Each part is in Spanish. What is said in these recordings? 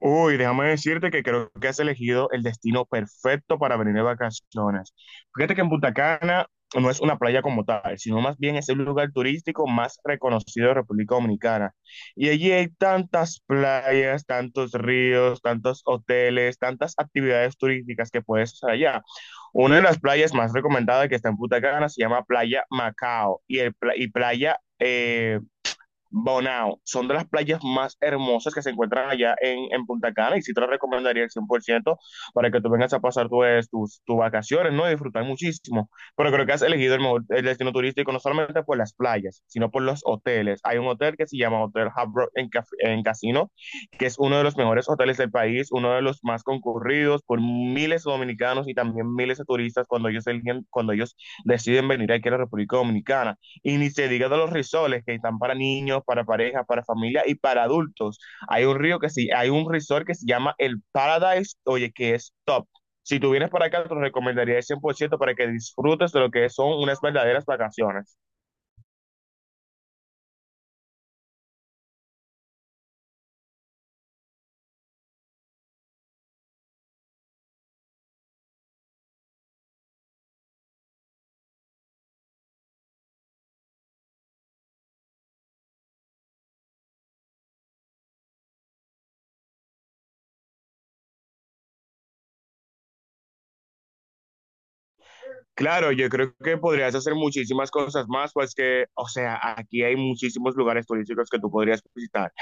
Uy, déjame decirte que creo que has elegido el destino perfecto para venir de vacaciones. Fíjate que en Punta Cana no es una playa como tal, sino más bien es el lugar turístico más reconocido de República Dominicana. Y allí hay tantas playas, tantos ríos, tantos hoteles, tantas actividades turísticas que puedes hacer allá. Una de las playas más recomendadas que está en Punta Cana se llama Playa Macao y, y Playa Bonao, son de las playas más hermosas que se encuentran allá en Punta Cana y sí te lo recomendaría el 100% para que tú vengas a pasar tus vacaciones, ¿no? Y disfrutar muchísimo. Pero creo que has elegido el mejor el destino turístico no solamente por las playas, sino por los hoteles. Hay un hotel que se llama Hotel Hard Rock en Casino, que es uno de los mejores hoteles del país, uno de los más concurridos por miles de dominicanos y también miles de turistas cuando ellos deciden venir aquí a la República Dominicana. Y ni se diga de los resorts que están para niños, para parejas, para familia y para adultos. Hay un resort que se llama el Paradise, oye, que es top. Si tú vienes para acá, te lo recomendaría el 100% para que disfrutes de lo que son unas verdaderas vacaciones. Claro, yo creo que podrías hacer muchísimas cosas más, pues que, o sea, aquí hay muchísimos lugares turísticos que tú podrías visitar.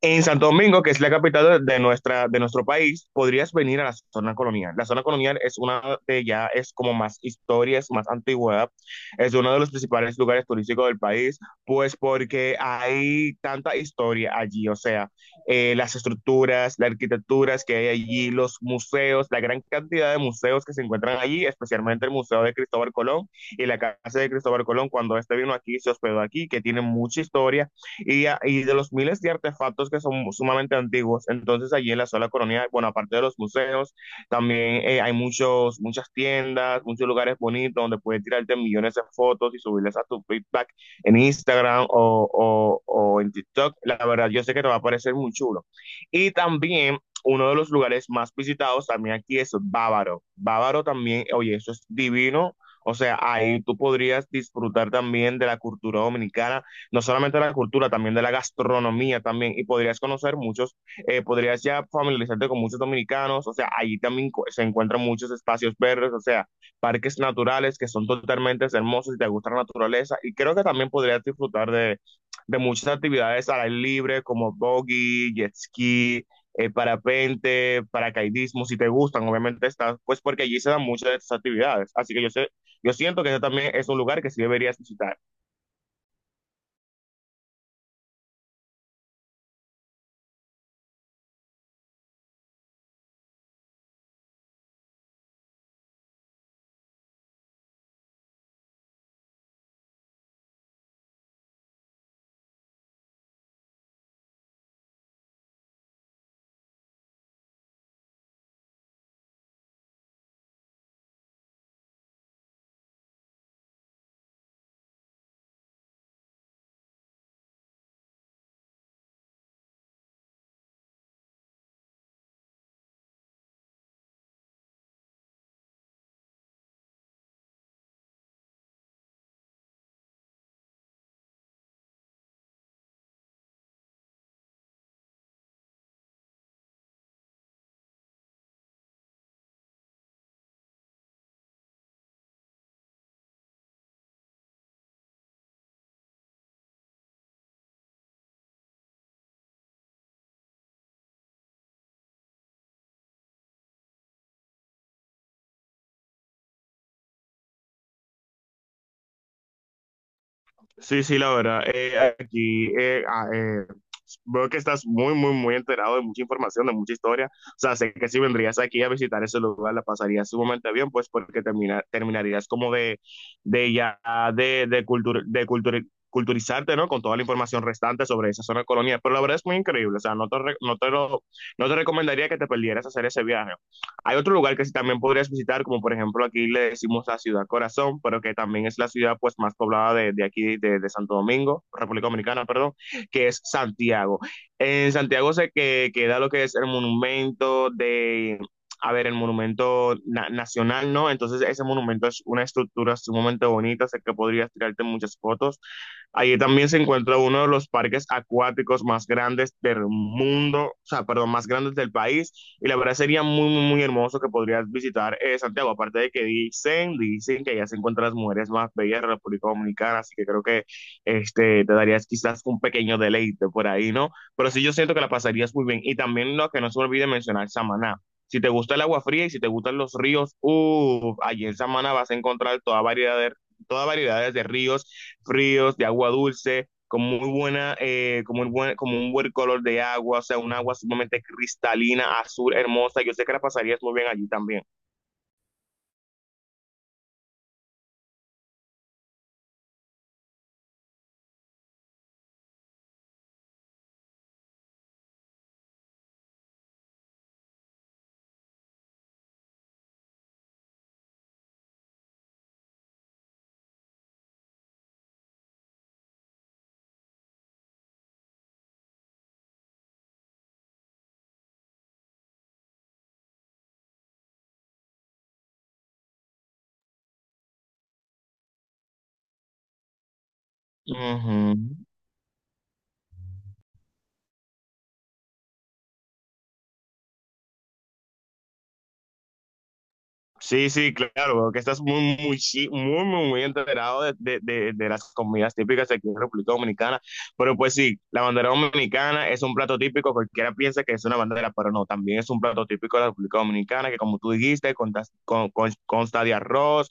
En Santo Domingo, que es la capital de de nuestro país, podrías venir a la zona colonial. La zona colonial es una de ya, es como más historia, es más antigüedad, es uno de los principales lugares turísticos del país, pues porque hay tanta historia allí, o sea, las estructuras, las arquitecturas que hay allí, los museos, la gran cantidad de museos que se encuentran allí, especialmente el Museo de Cristóbal Colón y la Casa de Cristóbal Colón, cuando este vino aquí, se hospedó aquí, que tiene mucha historia y de los miles de artefactos que son sumamente antiguos. Entonces allí en la zona colonial, bueno, aparte de los museos, también hay muchas tiendas, muchos lugares bonitos donde puedes tirarte millones de fotos y subirlas a tu feedback en Instagram o en TikTok. La verdad, yo sé que te va a parecer muy chulo. Y también uno de los lugares más visitados también aquí es Bávaro. Bávaro también, oye, eso es divino. O sea, ahí tú podrías disfrutar también de la cultura dominicana, no solamente de la cultura, también de la gastronomía también, y podrías conocer muchos, podrías ya familiarizarte con muchos dominicanos, o sea, se encuentran muchos espacios verdes, o sea, parques naturales que son totalmente hermosos y te gusta la naturaleza, y creo que también podrías disfrutar de muchas actividades al aire libre, como buggy, jet ski, parapente, paracaidismo, si te gustan, obviamente estás, pues porque allí se dan muchas de estas actividades. Así que yo sé, yo siento que ese también es un lugar que sí deberías visitar. Sí, sí, la verdad. Veo que estás muy enterado de mucha información, de mucha historia. O sea, sé que si vendrías aquí a visitar ese lugar, la pasarías sumamente bien, pues porque terminarías como de ya, de cultura, culturizarte, ¿no? Con toda la información restante sobre esa zona colonial. Pero la verdad es muy increíble. O sea, no te recomendaría que te perdieras hacer ese viaje. Hay otro lugar que sí también podrías visitar, como por ejemplo aquí le decimos la ciudad Corazón, pero que también es la ciudad pues más poblada de aquí, Santo Domingo, República Dominicana, perdón, que es Santiago. En Santiago se que, queda lo que es el monumento de, a ver, el monumento na nacional, ¿no? Entonces ese monumento es una estructura sumamente bonita, sé que podrías tirarte muchas fotos. Allí también se encuentra uno de los parques acuáticos más grandes del mundo, o sea, perdón, más grandes del país. Y la verdad sería muy hermoso que podrías visitar Santiago. Aparte de que dicen, dicen que allá se encuentran las mujeres más bellas de la República Dominicana, así que creo que este, te darías quizás un pequeño deleite por ahí, ¿no? Pero sí, yo siento que la pasarías muy bien. Y también lo que no se me olvide mencionar, Samaná. Si te gusta el agua fría y si te gustan los ríos, uff, allí en Samaná vas a encontrar toda variedad de, toda variedades de ríos fríos, de agua dulce, con muy buena, como un buen color de agua, o sea, un agua sumamente cristalina, azul, hermosa. Yo sé que la pasarías muy bien allí también. Ujú. Sí, sí, claro, bro, que estás muy enterado de las comidas típicas de aquí en República Dominicana. Pero pues sí, la bandera dominicana es un plato típico, cualquiera piensa que es una bandera, pero no, también es un plato típico de la República Dominicana, que como tú dijiste, consta de arroz,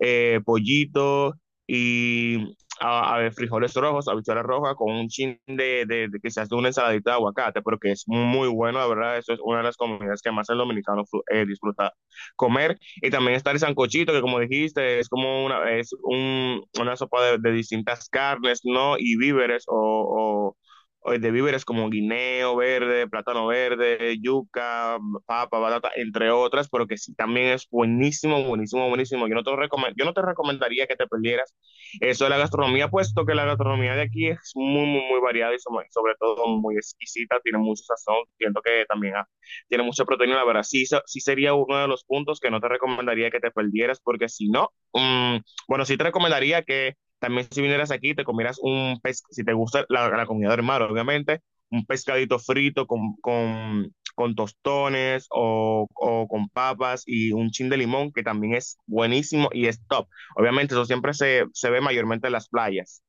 pollito y a ver, frijoles rojos, habichuela roja, con un chin de quizás de una ensaladita de aguacate, pero que es muy bueno, la verdad, eso es una de las comidas que más el dominicano disfruta comer. Y también está el sancochito, que como dijiste, es como una, una sopa de distintas carnes, ¿no? Y víveres o- o de víveres como guineo verde, plátano verde, yuca, papa, batata, entre otras, pero que sí, también es buenísimo, buenísimo, buenísimo. Yo no te recomendaría que te perdieras eso de la gastronomía, puesto que la gastronomía de aquí es muy variada y sobre todo muy exquisita, tiene mucho sazón. Siento que también tiene mucha proteína, la verdad, sí, sí sería uno de los puntos que no te recomendaría que te perdieras, porque si no, bueno, sí te recomendaría que también si vinieras aquí te comieras un pez, si te gusta la comida del mar, obviamente, un pescadito frito con tostones con papas y un chin de limón, que también es buenísimo y es top. Obviamente eso siempre se ve mayormente en las playas.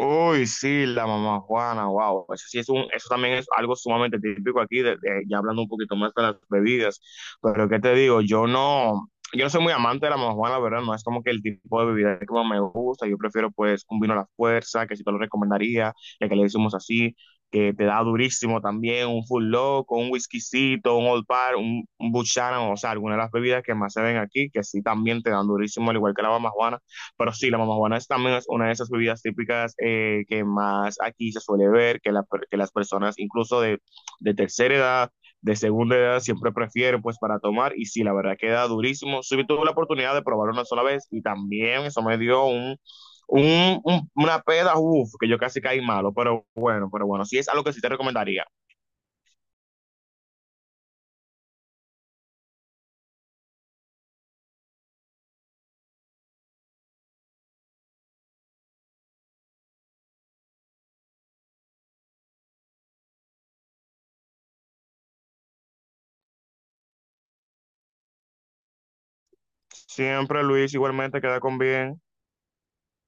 Uy, sí, la mamá Juana, wow. Eso sí es un, eso también es algo sumamente típico aquí, ya hablando un poquito más de las bebidas. Pero qué te digo, yo no soy muy amante de la mamá Juana, la ¿verdad? No es como que el tipo de bebida que más me gusta. Yo prefiero pues un vino a la fuerza, que si te lo recomendaría, ya que le decimos así, que te da durísimo también, un full loco, un whiskycito, un old par, un Buchanan, o sea, algunas de las bebidas que más se ven aquí, que sí también te dan durísimo, al igual que la mamá Juana. Pero sí, la mamajuana es también es una de esas bebidas típicas que más aquí se suele ver, que las personas incluso de tercera edad, de segunda edad, siempre prefieren pues para tomar. Y sí, la verdad queda durísimo. Sí, tuve la oportunidad de probar una sola vez y también eso me dio una peda, uff, que yo casi caí malo. Pero bueno, sí es algo que sí te recomendaría. Siempre, Luis, igualmente queda con bien.